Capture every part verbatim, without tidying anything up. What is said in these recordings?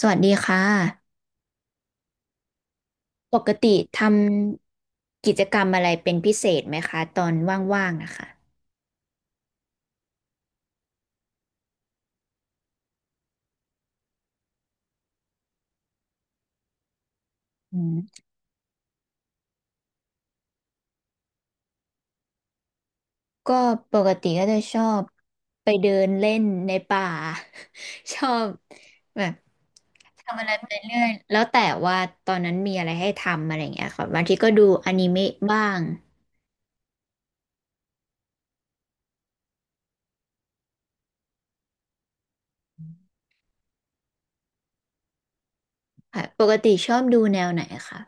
สวัสดีค่ะปกติทำกิจกรรมอะไรเป็นพิเศษไหมคะตอนว่างๆนะคะอืมก็ปกติก็จะชอบไปเดินเล่นในป่า ชอบแบบทำอะไรไปเรื่อยแล้วแต่ว่าตอนนั้นมีอะไรให้ทำอะไรอย่างเงี้ยค่ะบางทีก็ดูอนิเมะบ้างค่ะปกติชอบดูแนวไหนคะ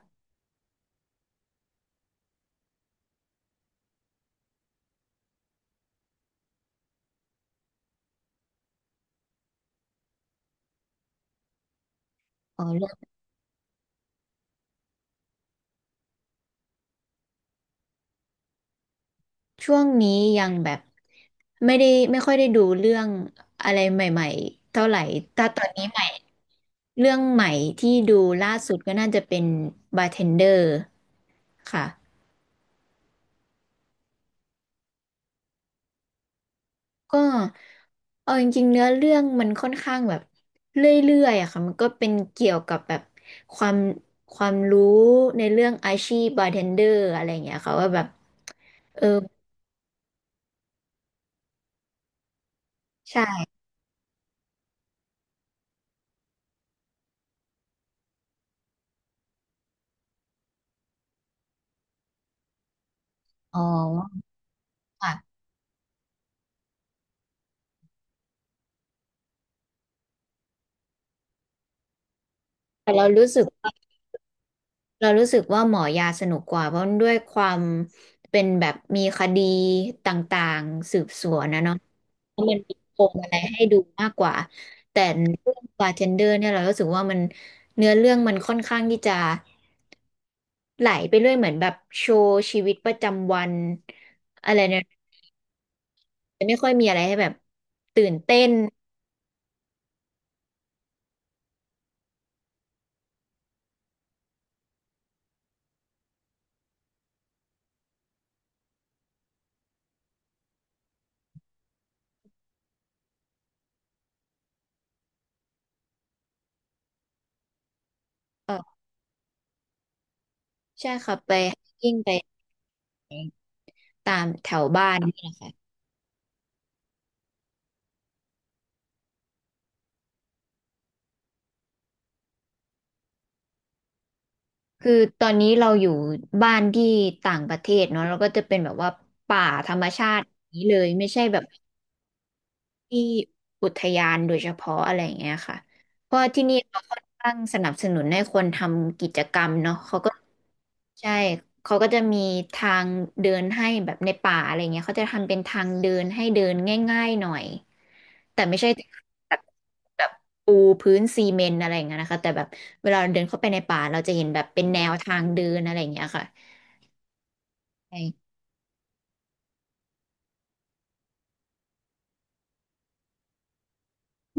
อ๋อ ช่วงนี้ยังแบบไม่ได้ไม่ค่อยได้ดูเรื่องอะไรใหม่ๆเท่าไหร่ แต่ตอนนี้ใหม่เรื่องใหม่ที่ดูล่าสุดก็น่าจะเป็นบาร์เทนเดอร์ค่ะก็เอาจริงๆเนื้อเรื่องมันค่อนข้างแบบเรื่อยๆอะค่ะมันก็เป็นเกี่ยวกับแบบความความรู้ในเรื่องอาชีพบาร์เทนเดอร์อะไรอย่างเงี้ยค่ะว่าแบบเออใช่อ๋อค่ะแต่เรารู้สึกว่า เรารู้สึกว่าหมอยาสนุกกว่าเพราะด้วยความเป็นแบบมีคดีต่างๆสืบสวนนะเนาะแล้วมันมีปมอะไรให้ดูมากกว่าแต่เรื่องบาร์เทนเดอร์เนี่ยเรารู้สึกว่ามันเนื้อเรื่องมันค่อนข้างที่จะไหลไปเรื่อยเหมือนแบบโชว์ชีวิตประจำวันอะไรเนี่ยจะไม่ค่อยมีอะไรให้แบบตื่นเต้นเออใช่ค่ะไปยิ้งไปตามแถวบ้านนี่แหละค่ะ คือตอนนี้เราอยู่บ้านที่ต่างประเทศเนาะเราก็จะเป็นแบบว่าป่าธรรมชาติอย่างนี้เลยไม่ใช่แบบที่อุทยานโดยเฉพาะอะไรอย่างเงี้ยค่ะเพราะที่นี่เราค่อนข้างสนับสนุนให้คนทำกิจกรรมเนาะเขาก็ ใช่ เขาก็จะมีทางเดินให้แบบในป่าอะไรเงี้ยเขาจะทำเป็นทางเดินให้เดินง่ายๆหน่อย แต่ไม่ใช่แบบแบบปูพื้นซีเมนต์อะไรอย่างเงี้ยนะคะแต่แบบเวลาเราเดินเข้าไปในป่าเราจะเห็นแบบเป็นแนวทางเดินอะไรอย่างเงี้ยค่ะไม่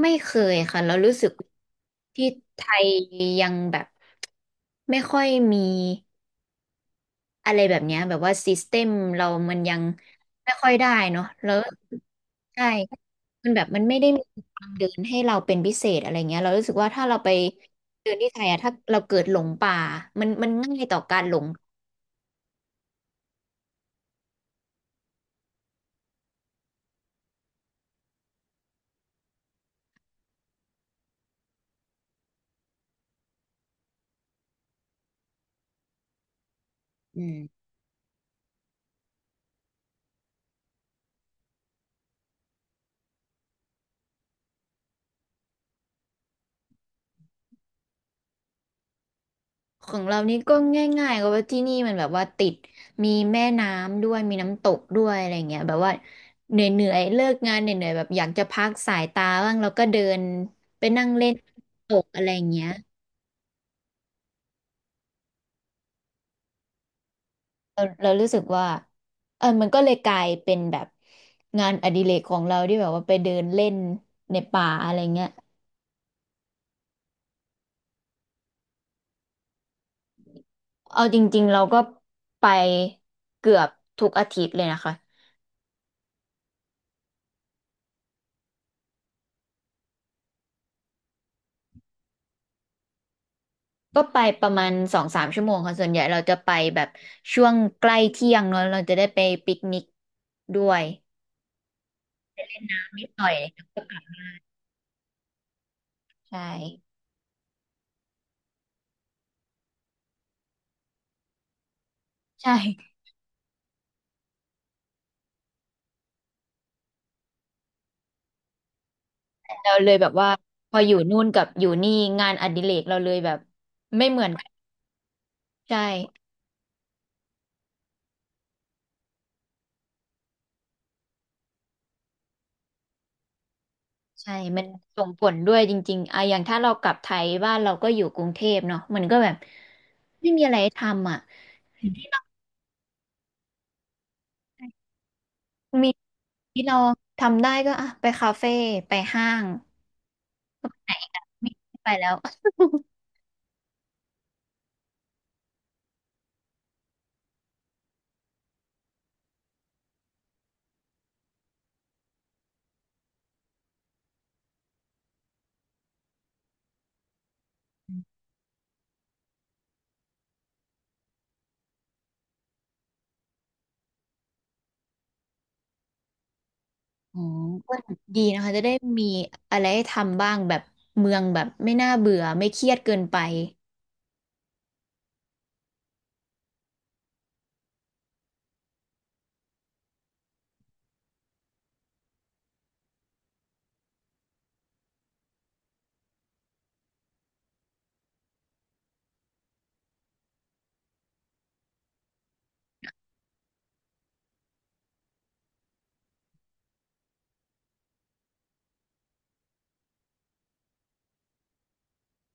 ไม่เคยค่ะเรารู้สึกที่ไทยยังแบบไม่ค่อยมี อะไรแบบเนี้ยแบบว่าซิสเต็มเรามันยังไม่ค่อยได้เนาะแล้วใช่มันแบบมันไม่ได้มีทางเดินให้เราเป็นพิเศษอะไรเงี้ยเรารู้สึกว่าถ้าเราไปเดินที่ไทยอะถ้าเราเกิดหลงป่ามันมันง่ายต่อการหลงอืมของเรานี่ก็ง่ายๆก็ว่าที่นี่มันแบบว่าติดมีแม่น้ำด้วยมีน้ำตกด้วยอะไรเงี้ยแบบว่าเหนื่อยๆเลิกงานเหนื่อยๆแบบอยากจะพักสายตาบ้างแล้วก็เดินไปนั่งเล่นน้ำตกอะไรเงี้ย เราเรารู้สึกว่าเออมันก็เลยกลายเป็นแบบงานอดิเรกของเราที่แบบว่าไปเดินเล่นในป่าอะไรเงี้ยเอาจริงๆเราก็ไปเกือบทุกอาทิตย์เลยนะคะก็ไปประมาณสองสามชั่วโมงค่ะส่วนใหญ่เราจะไปแบบช่วงใกล้เที่ยงเนอะเราจะได้ไปปิกนิกด้วยนิดหน่อยก็กลับใช่ใช่เราเลยแบบว่าพออยู่นู่นกับอยู่นี่งานอดิเรกเราเลยแบบไม่เหมือนกันใช่ ใช่มันส่งผลด้วยจริงๆอะอย่างถ้าเรากลับไทยบ้านเราก็อยู่กรุงเทพเนาะมันก็แบบไม่มีอะไรทำอ่ะมีที่เราทำได้ก็อ่ะไปคาเฟ่ไปห้างมีไปแล้วอ๋อ ก็ดีนะคะจะได้มีอะไรให้ทำบ้างแบบเมืองแบบไม่น่าเบื่อไม่เครียดเกินไป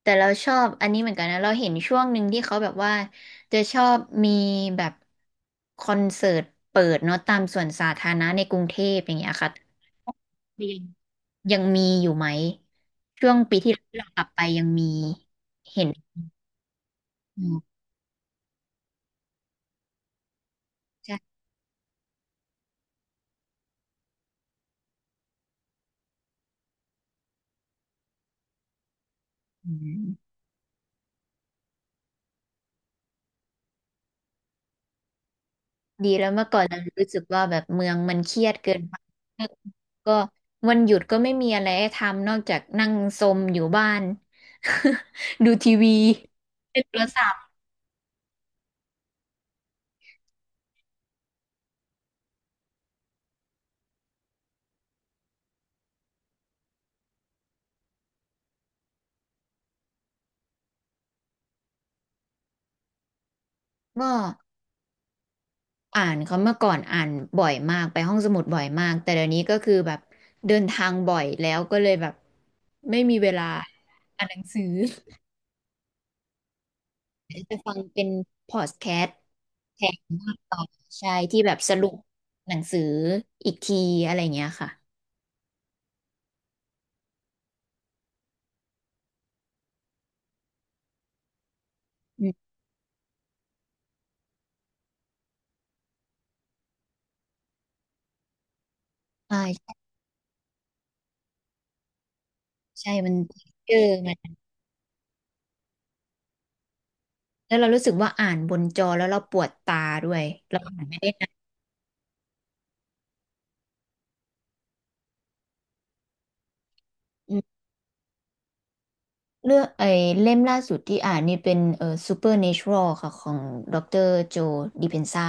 แต่เราชอบอันนี้เหมือนกันนะเราเห็นช่วงหนึ่งที่เขาแบบว่าจะชอบมีแบบคอนเสิร์ตเปิดเนาะตามสวนสาธารณะในกรุงเทพอย่างเงี้ยค่ะ ยังมีอยู่ไหมช่วงปีที่เรากลับไปยังมีเห็นอืมใช่อืมดีแล้วเมื่อก่อนเรารู้สึกว่าแบบเมืองมันเครียดเกินไปก็วันหยุดก็ไม่มีอะไรให้ทำนอกจากนั่งซมอยู่บ้าน ดูทีวีเล่นโทรศัพท์ก็อ่านเขาเมื่อก่อนอ่านบ่อยมากไปห้องสมุดบ่อยมากแต่เดี๋ยวนี้ก็คือแบบเดินทางบ่อยแล้วก็เลยแบบไม่มีเวลาอ่านหนังสือ ไปฟังเป็นพอดแคสต์แทนมากกว่าใช่ที่แบบสรุปหนังสืออีกทีอะไรอย่างเงี้ยค่ะอืมใช่ใช่มันเจอมันแล้วเรารู้สึกว่าอ่านบนจอแล้วเราปวดตาด้วยแล้วอืมเลือกไอ้เล่มล่าสุดที่อ่านนี่เป็นเอ่อ Supernatural ค่ะของดรโจดิเพนซ่า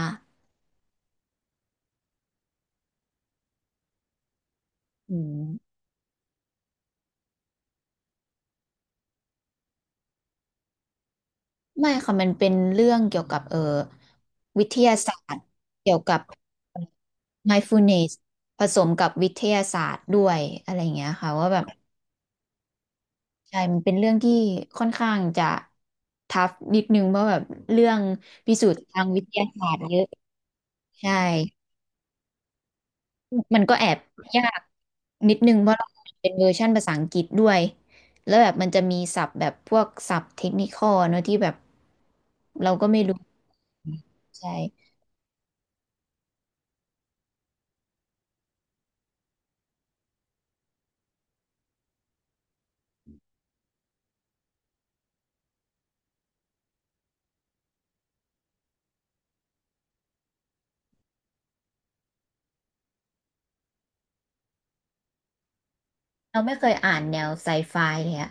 อืม ไม่ค่ะมันเป็นเรื่องเกี่ยวกับเออวิทยาศาสตร์เกี่ยวกับ mindfulness ผสมกับวิทยาศาสตร์ด้วยอะไรอย่างเงี้ยค่ะว่าแบบใช่มันเป็นเรื่องที่ค่อนข้างจะทัฟนิดนึงเพราะแบบเรื่องพิสูจน์ทางวิทยาศาสตร์เยอะใช่มันก็แอบยากนิดนึงเพราะเราเป็นเวอร์ชันภาษาอังกฤษด้วยแล้วแบบมันจะมีศัพท์แบบพวกศัพท์เทคนิคอลเนอะที่แบบเราก็ไม่รู้ใช่ เราไม่เคยอ่านแนวไซไฟเลยอะ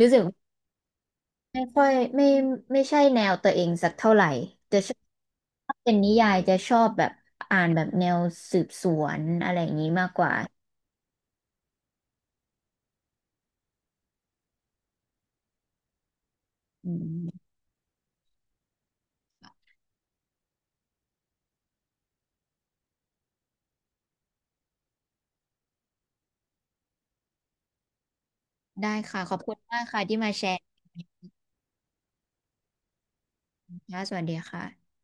รู้สึกว่าไม่ค่อยไม่ไม่ใช่แนวตัวเองสักเท่าไหร่ จะชอบถ้าเป็นนิยายจะชอบแบบอ่านแบบแนวสืบสวนอะไรอย่างนี้มากกว่าอืมได้ค่ะขอบคุณมากค่ะที่มาแชร์นะสวัสดีค่ะ